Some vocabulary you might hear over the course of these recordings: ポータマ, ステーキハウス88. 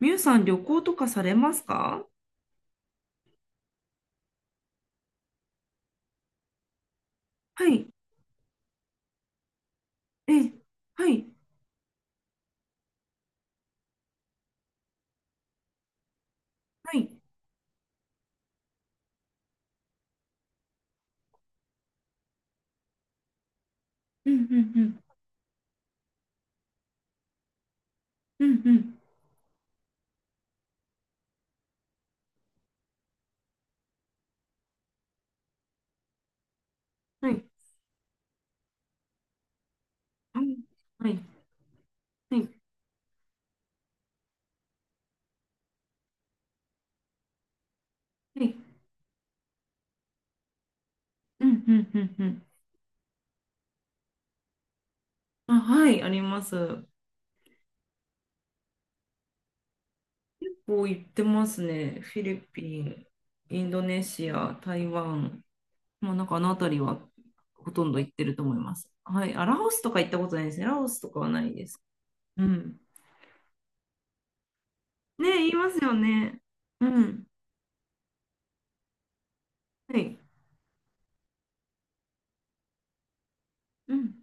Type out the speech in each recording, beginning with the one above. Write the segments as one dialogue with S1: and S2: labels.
S1: みゆさん、旅行とかされますか？はい。ええ、はい。はい。うんうんうん。うんうん。はい。はい。はい。はい。うんうんうんうん。あ、はい、あります。こう言ってますね。フィリピン、インドネシア、台湾。まあ、なんかあの辺りはほとんど行ってると思います。はい。あ、ラオスとか行ったことないですね。ラオスとかはないです。うん。ねえ、言いますよね。うん。はい。うん。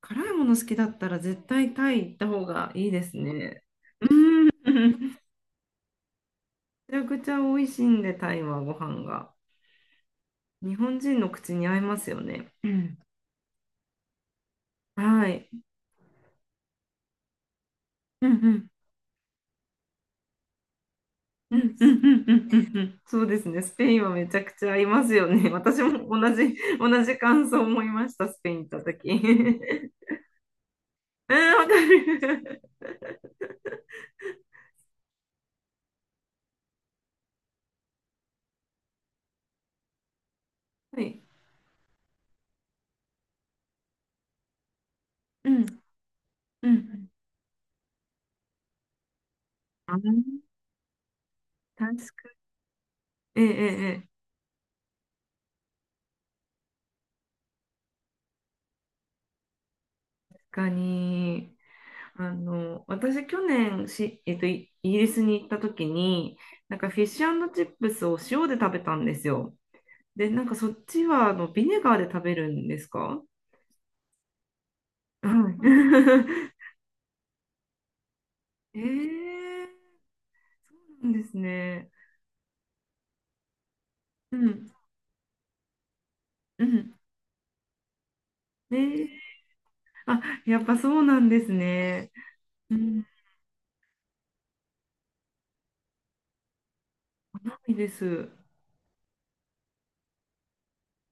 S1: 辛いもの好きだったら絶対タイ行った方がいいですね。うん。めちゃくちゃ美味しいんで、タイはご飯が。日本人の口に合いますよね。うん。はい。うんうん。うんうんうんうんうんうん。そうですね。スペインはめちゃくちゃ合いますよね。私も同じ感想を思いました。スペイン行った時。うん、わかる。はい。うんうんうん。あ、確かに。ええええかに、私去年イギリスに行った時に、なんかフィッシュチップスを塩で食べたんですよ。で、なんかそっちはビネガーで食べるんですか？はい。えー、なんですね。うん、うん。えー、あ、やっぱそうなんですね。うん、ないです。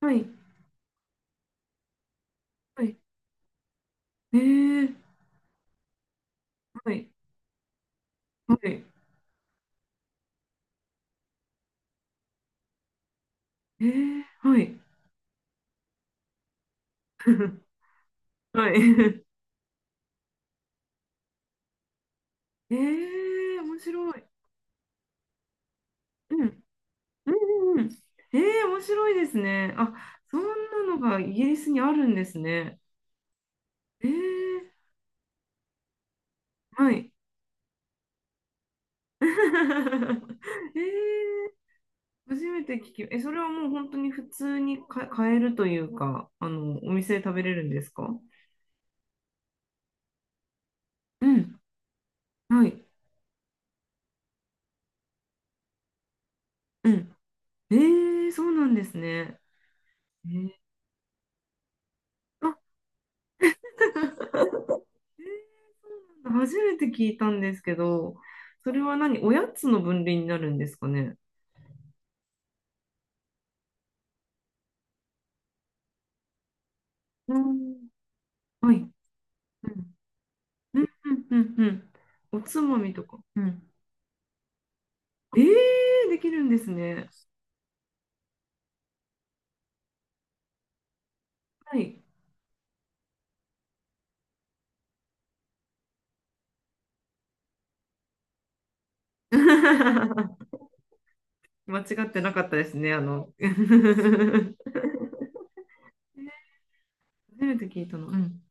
S1: はい、はい。えー、はい、はい。えー、はい、はい。えー、面白い。うんうんうんうん。えー、面白いですね。あ、そんなのがイギリスにあるんですね。えー、はい。えー、初めて聞き、え、それはもう本当に普通にか買えるというか、お店で食べれるんですか？うん。はい。うん。えー、そうなんですね。えー、あ、えーそうなんだ、初めて聞いたんですけど、それは何、おやつの分類になるんですかね。うん。はい。うんうんうんうん。おつまみとか。うん。えー、できるんですね。はい。間違ってなかったですね。初めて聞いたの。うん。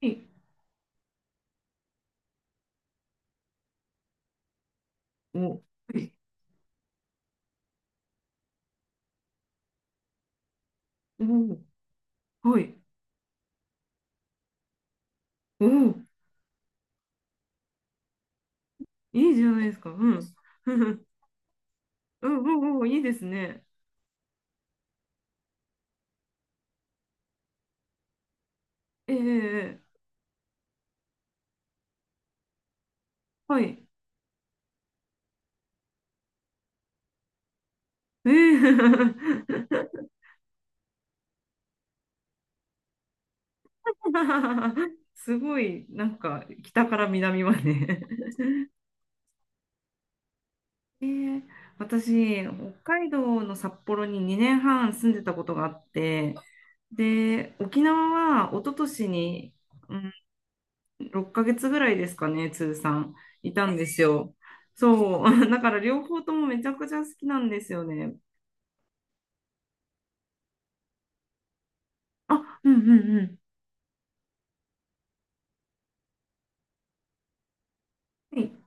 S1: はい。お、はい。おーはい。おーいいじゃないですか。うん。うん、うん、うん、いいですね。えええはい。ええ すごい、なんか、北から南までえー私、北海道の札幌に2年半住んでたことがあって、で、沖縄は一昨年に、うん、6ヶ月ぐらいですかね、通算、いたんですよ。そう、だから両方ともめちゃくちゃ好きなんですよね。あ、うんうんうん。はい。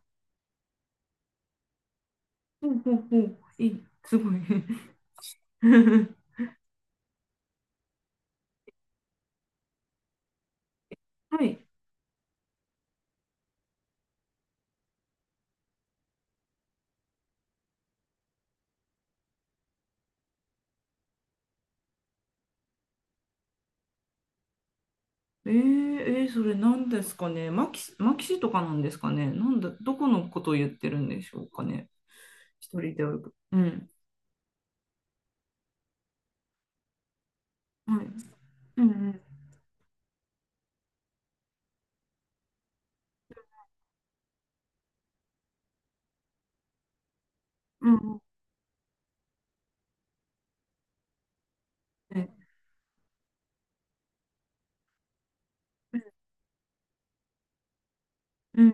S1: ほうほうほう。いい、すごい。はい。えー、えーそれ何ですかね。マキシ、マキシとかなんですかね。なんだ、どこのことを言ってるんでしょうかね。一人で歩く。うん。はい。うんうん。うんうん。うんうん。うん、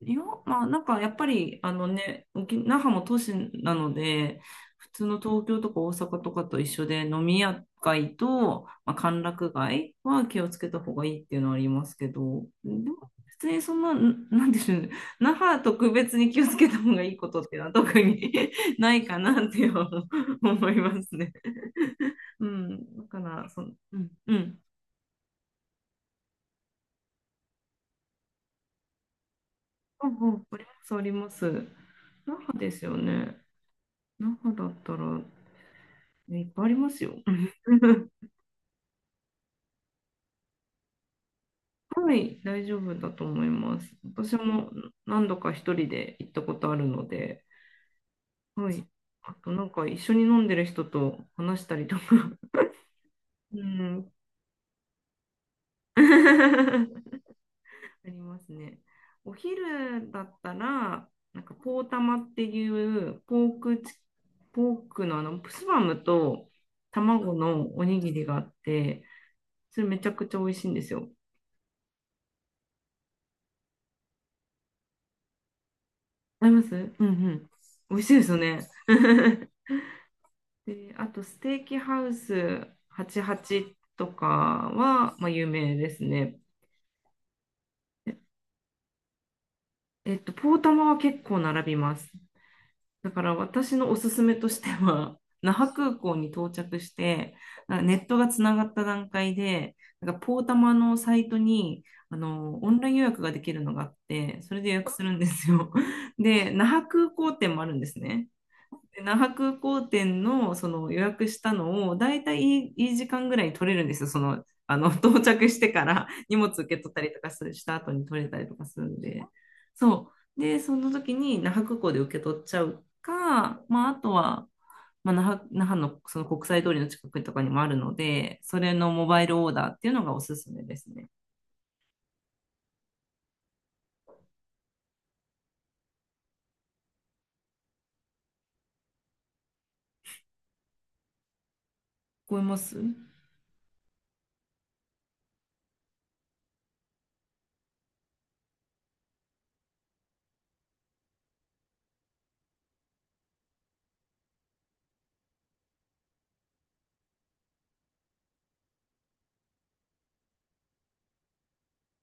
S1: いや、まあ、なんかやっぱり、あのね、那覇も都市なので、普通の東京とか大阪とかと一緒で、飲み屋街と、まあ、歓楽街は気をつけた方がいいっていうのはありますけど、でも、別にそんな、んなんでしょうね、那覇特別に気をつけた方がいいことっていうのは特に ないかなって思いますね。うん、だから、うん、うん、あ、あります、あります。那覇ですよね。那覇だったら、いっぱいありますよ。はい、大丈夫だと思います。私も何度か一人で行ったことあるので、はい。あとなんか一緒に飲んでる人と話したりとか、うん。ありますね。お昼だったら、なんかポーたまっていうポークのスパムと卵のおにぎりがあって、それめちゃくちゃ美味しいんですよ。ありますうんうん。美味しいですよね。で、あと、ステーキハウス88とかは、まあ、有名ですね。ええポータマは結構並びます。だから、私のおすすめとしては、那覇空港に到着して、なんかネットがつながった段階で、なんかポータマのサイトにオンライン予約ができるのがあって、それで予約するんですよ。で、那覇空港店もあるんですね。で那覇空港店のその予約したのを、だいたいいい時間ぐらいに取れるんですよ。到着してから 荷物受け取ったりとかした後に取れたりとかするんで。そう。で、その時に那覇空港で受け取っちゃうか、まあ、あとは、まあ、那覇のその国際通りの近くとかにもあるので、それのモバイルオーダーっていうのがおすすめですね。聞こえます？